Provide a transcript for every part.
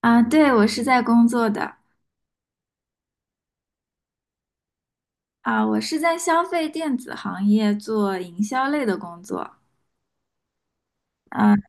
啊，对，我是在工作的。啊，我是在消费电子行业做营销类的工作。啊。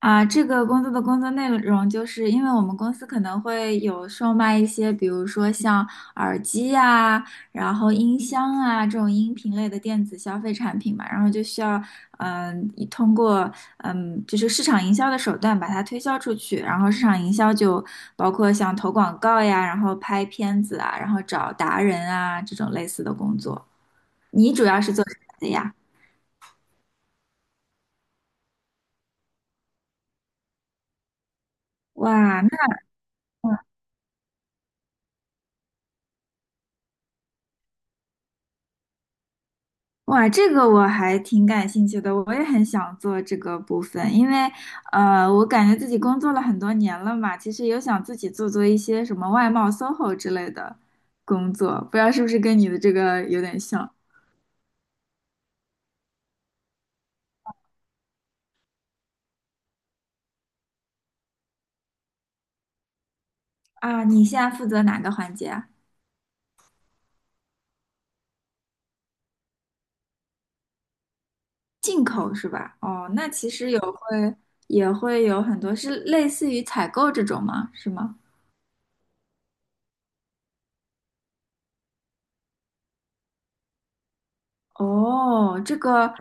啊，这个工作的工作内容，就是因为我们公司可能会有售卖一些，比如说像耳机啊，然后音箱啊这种音频类的电子消费产品嘛，然后就需要，通过就是市场营销的手段把它推销出去，然后市场营销就包括像投广告呀，然后拍片子啊，然后找达人啊这种类似的工作。你主要是做什么的呀？哇，那。哇，这个我还挺感兴趣的，我也很想做这个部分，因为，我感觉自己工作了很多年了嘛，其实有想自己做做一些什么外贸、SOHO 之类的工作，不知道是不是跟你的这个有点像。啊？你现在负责哪个环节啊？进口是吧？哦，那其实也会有很多是类似于采购这种吗？是吗？哦，这个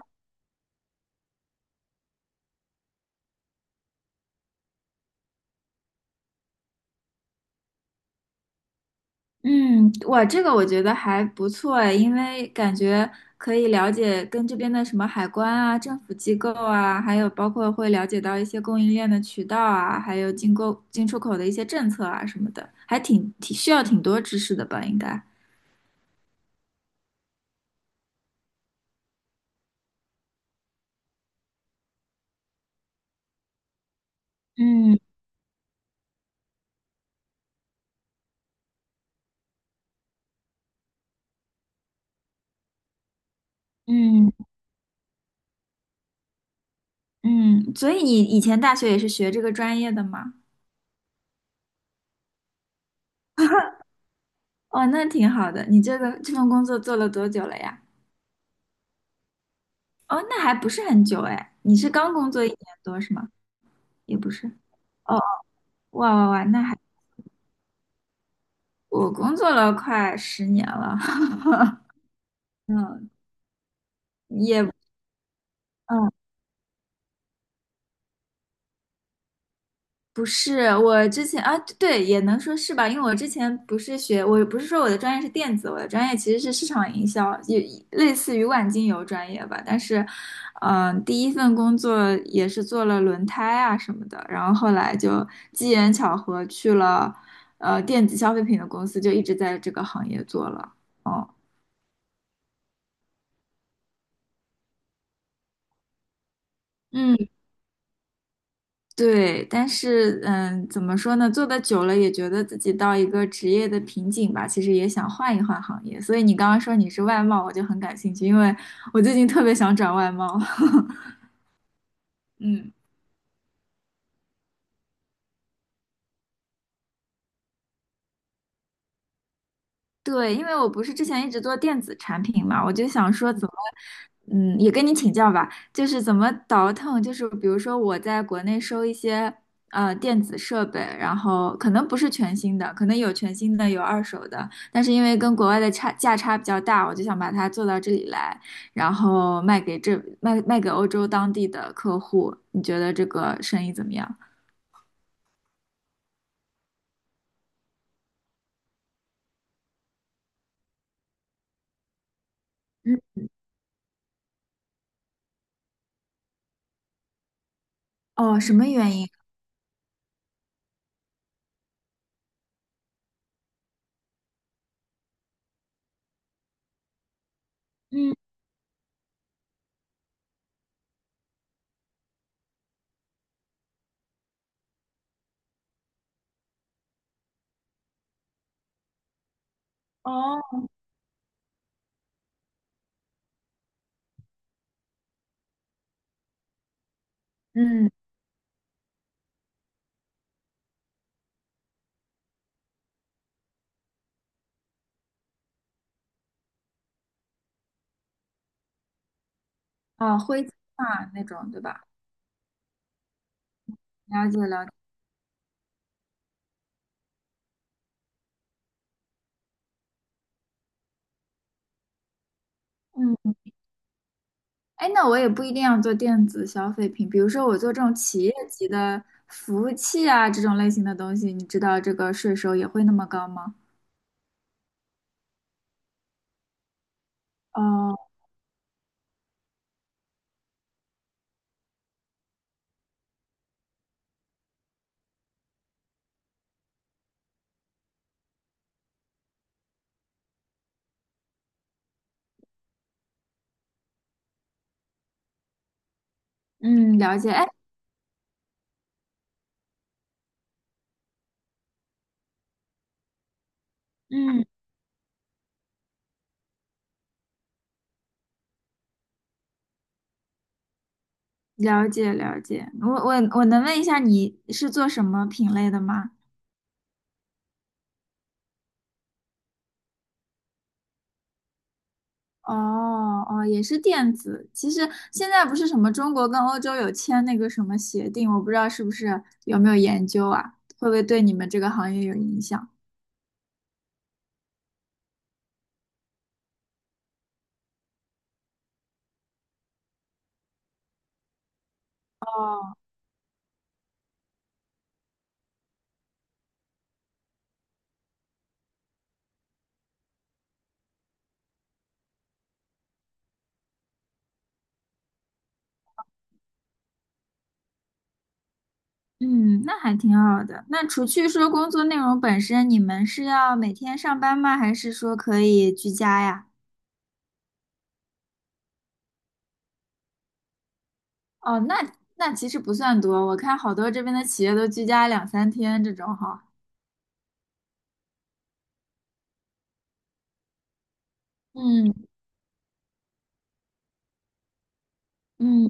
嗯，哇，这个我觉得还不错诶，因为感觉可以了解跟这边的什么海关啊、政府机构啊，还有包括会了解到一些供应链的渠道啊，还有进购、进出口的一些政策啊什么的，还挺挺需要挺多知识的吧，应该。嗯嗯嗯，所以你以前大学也是学这个专业的吗？哦，那挺好的。你这个这份工作做了多久了呀？哦，那还不是很久哎，你是刚工作1年多是吗？也不是。哦，哇哇哇，那还。我工作了快10年了，嗯，也嗯不是，我之前啊对，也能说是吧，因为我之前不是学，我不是说我的专业是电子，我的专业其实是市场营销，也类似于万金油专业吧，但是，嗯，第一份工作也是做了轮胎啊什么的，然后后来就机缘巧合去了电子消费品的公司，就一直在这个行业做了，哦。嗯。对，但是嗯，怎么说呢？做的久了也觉得自己到一个职业的瓶颈吧，其实也想换一换行业。所以你刚刚说你是外贸，我就很感兴趣，因为我最近特别想转外贸。嗯。对，因为我不是之前一直做电子产品嘛，我就想说怎么，嗯，也跟你请教吧，就是怎么倒腾，就是比如说我在国内收一些电子设备，然后可能不是全新的，可能有全新的，有二手的，但是因为跟国外的差价差比较大，我就想把它做到这里来，然后卖给欧洲当地的客户，你觉得这个生意怎么样？嗯，哦，什么原因？嗯，哦，嗯，哦，灰机化那种，对吧？了解了解。嗯，哎，那我也不一定要做电子消费品，比如说我做这种企业级的服务器啊，这种类型的东西，你知道这个税收也会那么高吗？哦，嗯，了解，哎，嗯，了解了解，我能问一下你是做什么品类的吗？哦哦，也是电子。其实现在不是什么中国跟欧洲有签那个什么协定，我不知道是不是有没有研究啊，会不会对你们这个行业有影响？哦。嗯，那还挺好的。那除去说工作内容本身，你们是要每天上班吗？还是说可以居家呀？哦，那那其实不算多。我看好多这边的企业都居家2 3天这种哈。嗯嗯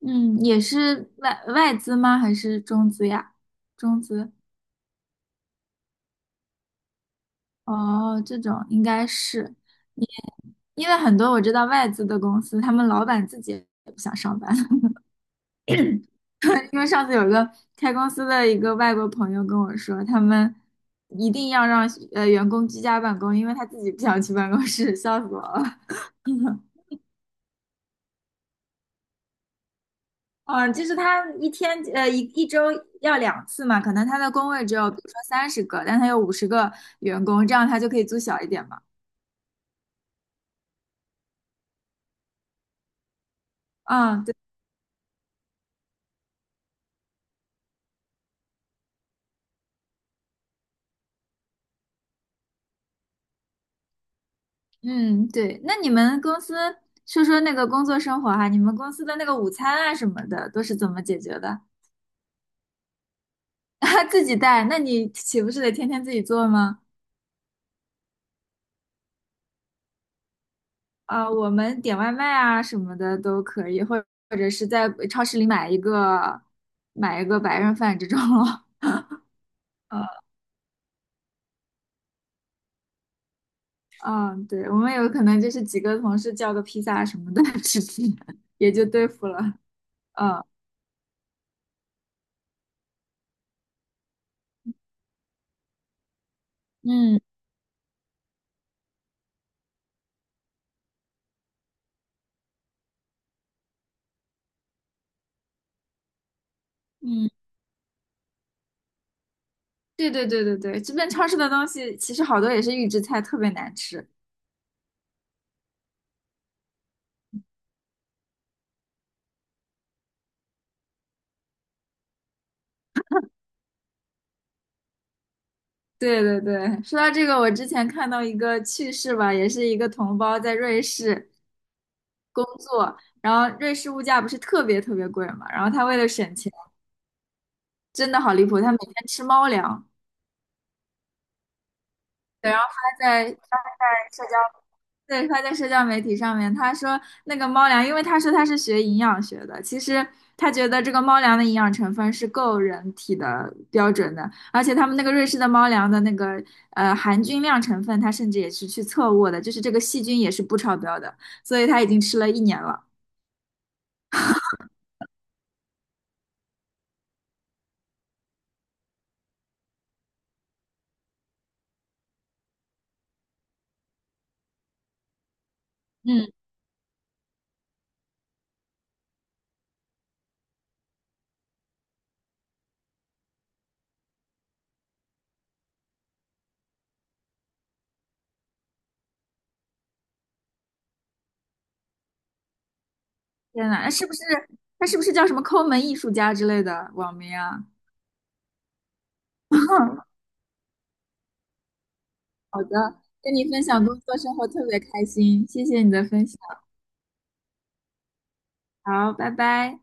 嗯，也是外资吗？还是中资呀？中资。哦，这种应该是，因为很多我知道外资的公司，他们老板自己也不想上班。因为上次有一个开公司的一个外国朋友跟我说，他们一定要让员工居家办公，因为他自己不想去办公室，笑死我了。嗯，就是他一天一周要2次嘛，可能他的工位只有比如说30个，但他有50个员工，这样他就可以租小一点嘛。嗯，对，啊，对。那你们公司说说那个工作生活哈、你们公司的那个午餐啊什么的都是怎么解决的？自己带，那你岂不是得天天自己做吗？啊，我们点外卖啊什么的都可以，或或者是在超市里买一个白人饭这种咯。嗯嗯，对，我们有可能就是几个同事叫个披萨什么的 吃吃，也就对付了。嗯嗯嗯，对对对对对，这边超市的东西其实好多也是预制菜，特别难吃。对对对，说到这个，我之前看到一个趣事吧，也是一个同胞在瑞士工作，然后瑞士物价不是特别特别贵嘛，然后他为了省钱。真的好离谱，他每天吃猫粮。对，然后他在社交，对，他在社交媒体上面，他说那个猫粮，因为他说他是学营养学的，其实他觉得这个猫粮的营养成分是够人体的标准的，而且他们那个瑞士的猫粮的那个含菌量成分，他甚至也是去测过的，就是这个细菌也是不超标的，所以他已经吃了一年了。嗯，天呐，那是不是他是不是叫什么抠门艺术家之类的网名啊？好的，跟你分享工作生活特别开心，谢谢你的分享。好，拜拜。